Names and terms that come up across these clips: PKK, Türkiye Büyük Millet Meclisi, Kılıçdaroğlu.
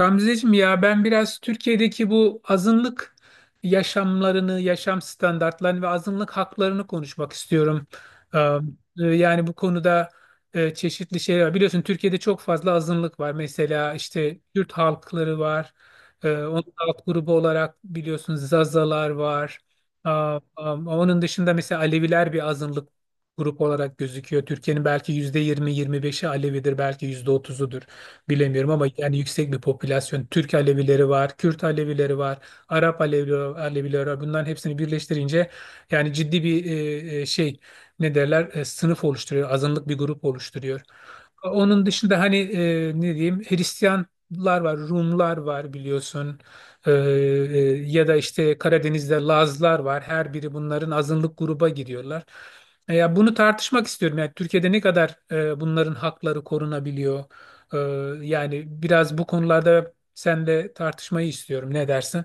Ramziciğim ya ben biraz Türkiye'deki bu azınlık yaşamlarını, yaşam standartlarını ve azınlık haklarını konuşmak istiyorum. Ee, Yani bu konuda çeşitli şeyler var. Biliyorsun Türkiye'de çok fazla azınlık var. Mesela işte Kürt halkları var. Onun alt grubu olarak biliyorsun Zazalar var. Onun dışında mesela Aleviler bir azınlık grup olarak gözüküyor. Türkiye'nin belki %20, yirmi 25'i Alevidir, belki %30'udur bilemiyorum ama yani yüksek bir popülasyon. Türk Alevileri var, Kürt Alevileri var, Arap Alevileri, Alevileri var. Bunların hepsini birleştirince yani ciddi bir şey ne derler sınıf oluşturuyor, azınlık bir grup oluşturuyor. Onun dışında hani ne diyeyim Hristiyanlar var, Rumlar var biliyorsun. E, e, Ya da işte Karadeniz'de Lazlar var. Her biri bunların azınlık gruba giriyorlar. Ya bunu tartışmak istiyorum. Yani Türkiye'de ne kadar bunların hakları korunabiliyor? Ee, Yani biraz bu konularda senle tartışmayı istiyorum. Ne dersin?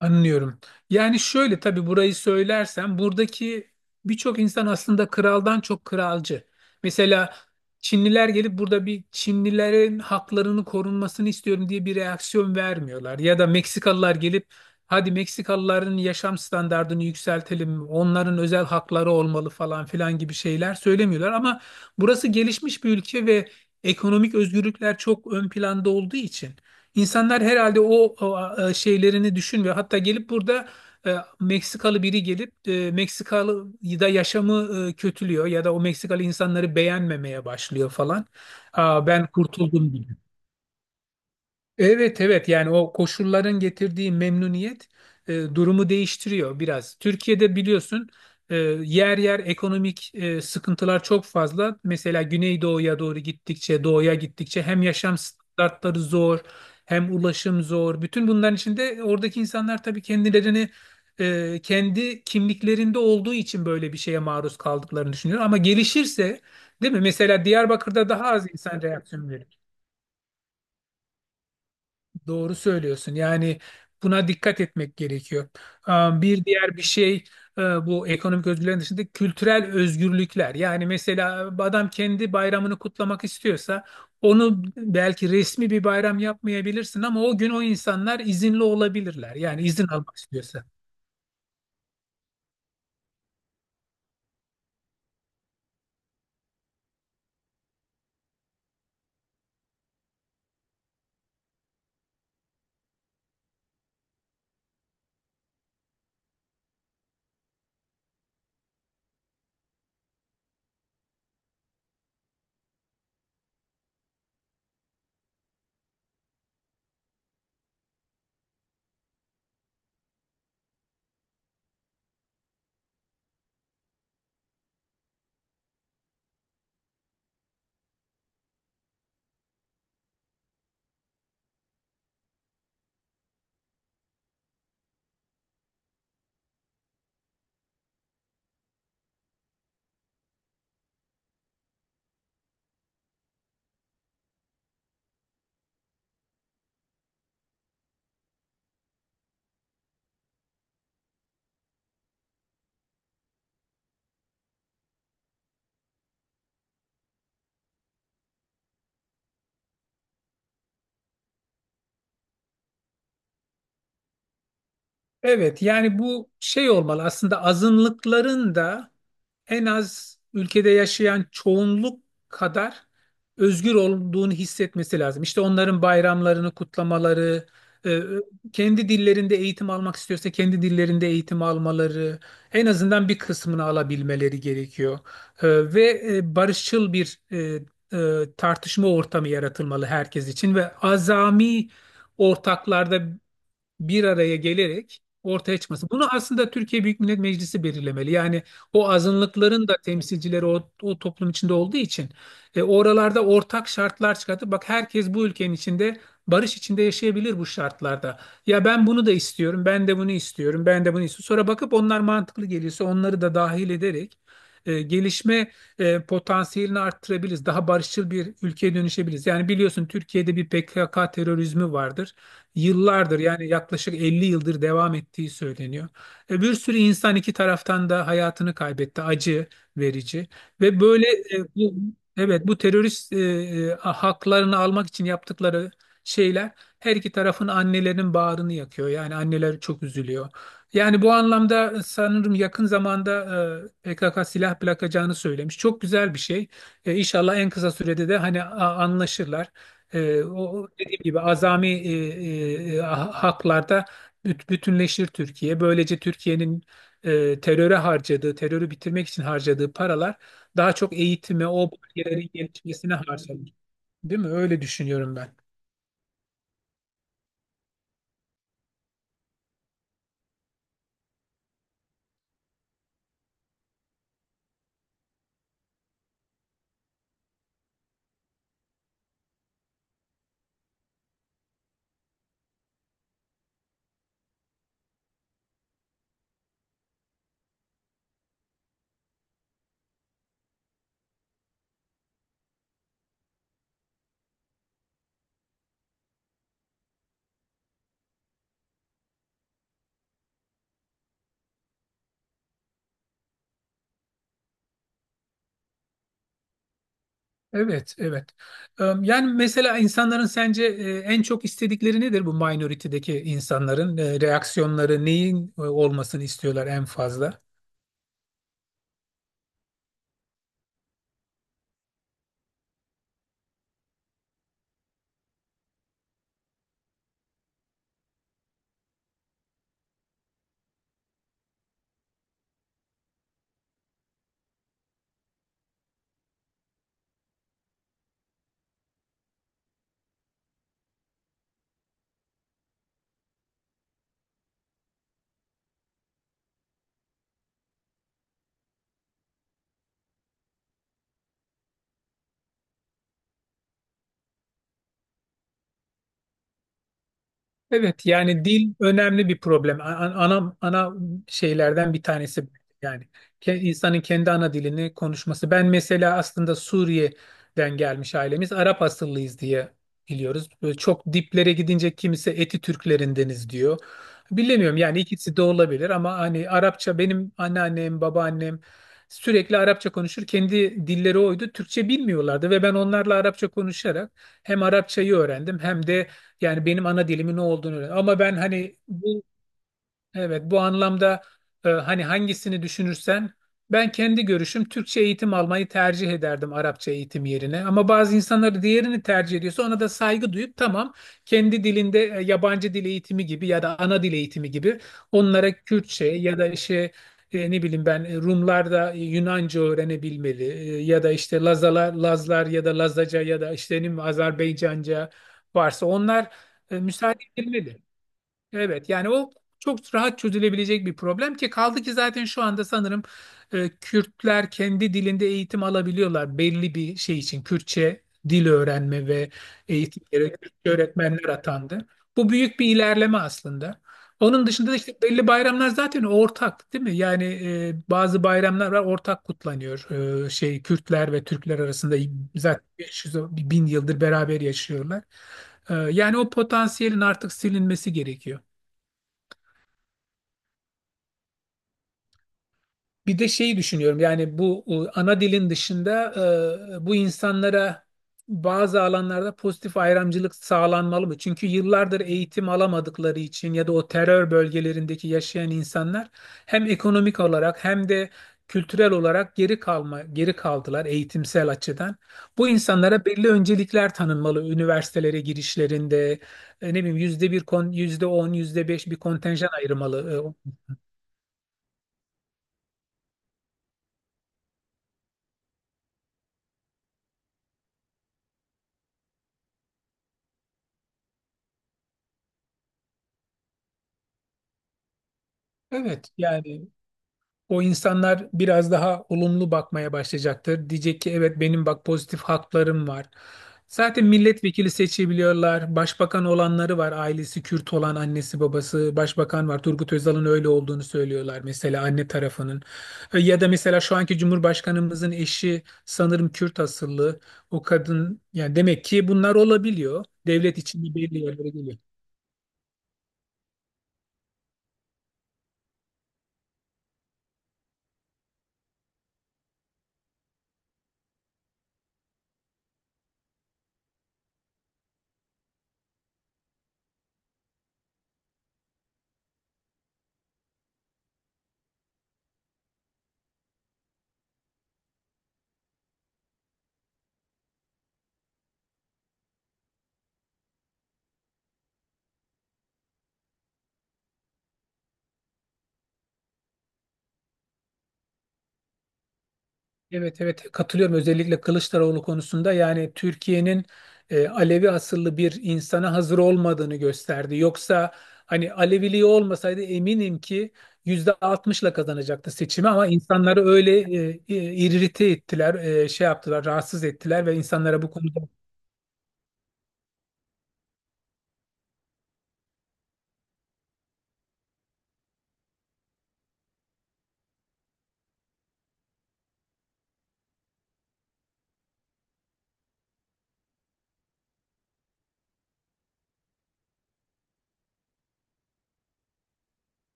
Anlıyorum. Yani şöyle tabii burayı söylersem buradaki birçok insan aslında kraldan çok kralcı. Mesela Çinliler gelip burada bir Çinlilerin haklarını korunmasını istiyorum diye bir reaksiyon vermiyorlar. Ya da Meksikalılar gelip hadi Meksikalıların yaşam standartını yükseltelim, onların özel hakları olmalı falan filan gibi şeyler söylemiyorlar. Ama burası gelişmiş bir ülke ve ekonomik özgürlükler çok ön planda olduğu için. İnsanlar herhalde şeylerini düşünmüyor. Hatta gelip burada Meksikalı biri gelip Meksikalı da yaşamı kötülüyor ya da o Meksikalı insanları beğenmemeye başlıyor falan. Ben kurtuldum gibi. Evet, evet, yani o koşulların getirdiği memnuniyet durumu değiştiriyor biraz. Türkiye'de biliyorsun e, yer yer ekonomik sıkıntılar çok fazla. Mesela Güneydoğu'ya doğru gittikçe, doğuya gittikçe hem yaşam standartları zor, hem ulaşım zor. Bütün bunların içinde oradaki insanlar tabii kendilerini kendi kimliklerinde olduğu için böyle bir şeye maruz kaldıklarını düşünüyor. Ama gelişirse, değil mi? Mesela Diyarbakır'da daha az insan reaksiyon veriyor. Doğru söylüyorsun. Yani buna dikkat etmek gerekiyor. Ee, Bir diğer bir şey bu ekonomik özgürlüklerin dışında kültürel özgürlükler. Yani mesela adam kendi bayramını kutlamak istiyorsa onu belki resmi bir bayram yapmayabilirsin ama o gün o insanlar izinli olabilirler. Yani izin almak istiyorsa. Evet yani bu şey olmalı aslında azınlıkların da en az ülkede yaşayan çoğunluk kadar özgür olduğunu hissetmesi lazım. İşte onların bayramlarını kutlamaları, e, kendi dillerinde eğitim almak istiyorsa kendi dillerinde eğitim almaları, en azından bir kısmını alabilmeleri gerekiyor. Ve barışçıl bir tartışma ortamı yaratılmalı herkes için ve azami ortaklarda bir araya gelerek ortaya çıkması. Bunu aslında Türkiye Büyük Millet Meclisi belirlemeli. Yani o azınlıkların da temsilcileri o toplum içinde olduğu için oralarda ortak şartlar çıkartıp bak herkes bu ülkenin içinde barış içinde yaşayabilir bu şartlarda. Ya ben bunu da istiyorum, ben de bunu istiyorum, ben de bunu istiyorum. Sonra bakıp onlar mantıklı geliyorsa onları da dahil ederek gelişme potansiyelini arttırabiliriz. Daha barışçıl bir ülkeye dönüşebiliriz. Yani biliyorsun Türkiye'de bir PKK terörizmi vardır yıllardır yani yaklaşık 50 yıldır devam ettiği söyleniyor. Bir sürü insan iki taraftan da hayatını kaybetti. Acı verici ve böyle evet bu terörist haklarını almak için yaptıkları şeyler her iki tarafın annelerinin bağrını yakıyor. Yani anneler çok üzülüyor. Yani bu anlamda sanırım yakın zamanda PKK silah bırakacağını söylemiş. Çok güzel bir şey. İnşallah en kısa sürede de hani anlaşırlar. O dediğim gibi azami haklarda bütünleşir Türkiye. Böylece Türkiye'nin teröre harcadığı, terörü bitirmek için harcadığı paralar daha çok eğitime, o bölgelerin gelişmesine harcanır. Değil mi? Öyle düşünüyorum ben. Evet, evet. Yani mesela insanların sence en çok istedikleri nedir bu minority'deki insanların? Reaksiyonları neyin olmasını istiyorlar en fazla? Evet yani dil önemli bir problem. Ana şeylerden bir tanesi bu. Yani insanın kendi ana dilini konuşması. Ben mesela aslında Suriye'den gelmiş ailemiz Arap asıllıyız diye biliyoruz. Böyle çok diplere gidince kimisi Eti Türklerindeniz diyor. Bilemiyorum yani ikisi de olabilir ama hani Arapça benim anneannem, babaannem sürekli Arapça konuşur. Kendi dilleri oydu. Türkçe bilmiyorlardı ve ben onlarla Arapça konuşarak hem Arapçayı öğrendim hem de yani benim ana dilimin ne olduğunu öğren. Ama ben hani bu Evet, bu anlamda hani hangisini düşünürsen ben kendi görüşüm Türkçe eğitim almayı tercih ederdim Arapça eğitim yerine. Ama bazı insanlar diğerini tercih ediyorsa ona da saygı duyup tamam kendi dilinde yabancı dil eğitimi gibi ya da ana dil eğitimi gibi onlara Kürtçe ya da işte ne bileyim ben Rumlar da Yunanca öğrenebilmeli. Ya da işte Lazalar, Lazlar ya da Lazaca ya da işte ne bileyim, Azerbaycanca varsa onlar müsaade edilmeli. Evet yani o çok rahat çözülebilecek bir problem ki kaldı ki zaten şu anda sanırım Kürtler kendi dilinde eğitim alabiliyorlar belli bir şey için. Kürtçe dil öğrenme ve eğitimlere Kürtçe öğretmenler atandı. Bu büyük bir ilerleme aslında. Onun dışında da işte belli bayramlar zaten ortak değil mi? Yani bazı bayramlar var ortak kutlanıyor. Kürtler ve Türkler arasında zaten 500 bin yıldır beraber yaşıyorlar. Yani o potansiyelin artık silinmesi gerekiyor. Bir de şeyi düşünüyorum yani bu ana dilin dışında bu insanlara bazı alanlarda pozitif ayrımcılık sağlanmalı mı? Çünkü yıllardır eğitim alamadıkları için ya da o terör bölgelerindeki yaşayan insanlar hem ekonomik olarak hem de kültürel olarak geri kaldılar eğitimsel açıdan. Bu insanlara belli öncelikler tanınmalı üniversitelere girişlerinde ne bileyim %1 yüzde on yüzde beş bir kontenjan ayırmalı. Evet yani. O insanlar biraz daha olumlu bakmaya başlayacaktır. Diyecek ki evet benim bak pozitif haklarım var. Zaten milletvekili seçebiliyorlar. Başbakan olanları var. Ailesi Kürt olan annesi babası başbakan var. Turgut Özal'ın öyle olduğunu söylüyorlar mesela anne tarafının. Ya da mesela şu anki Cumhurbaşkanımızın eşi sanırım Kürt asıllı. O kadın yani demek ki bunlar olabiliyor. Devlet içinde belli yerlere geliyor. Evet, evet, katılıyorum özellikle Kılıçdaroğlu konusunda yani Türkiye'nin Alevi asıllı bir insana hazır olmadığını gösterdi. Yoksa hani Aleviliği olmasaydı eminim ki %60'la kazanacaktı seçimi ama insanları öyle irrite ettiler, şey yaptılar, rahatsız ettiler ve insanlara bu konuda.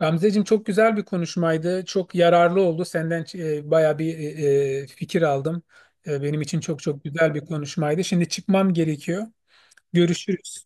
Gamzeciğim çok güzel bir konuşmaydı. Çok yararlı oldu. Senden baya bir fikir aldım. Benim için çok çok güzel bir konuşmaydı. Şimdi çıkmam gerekiyor. Görüşürüz.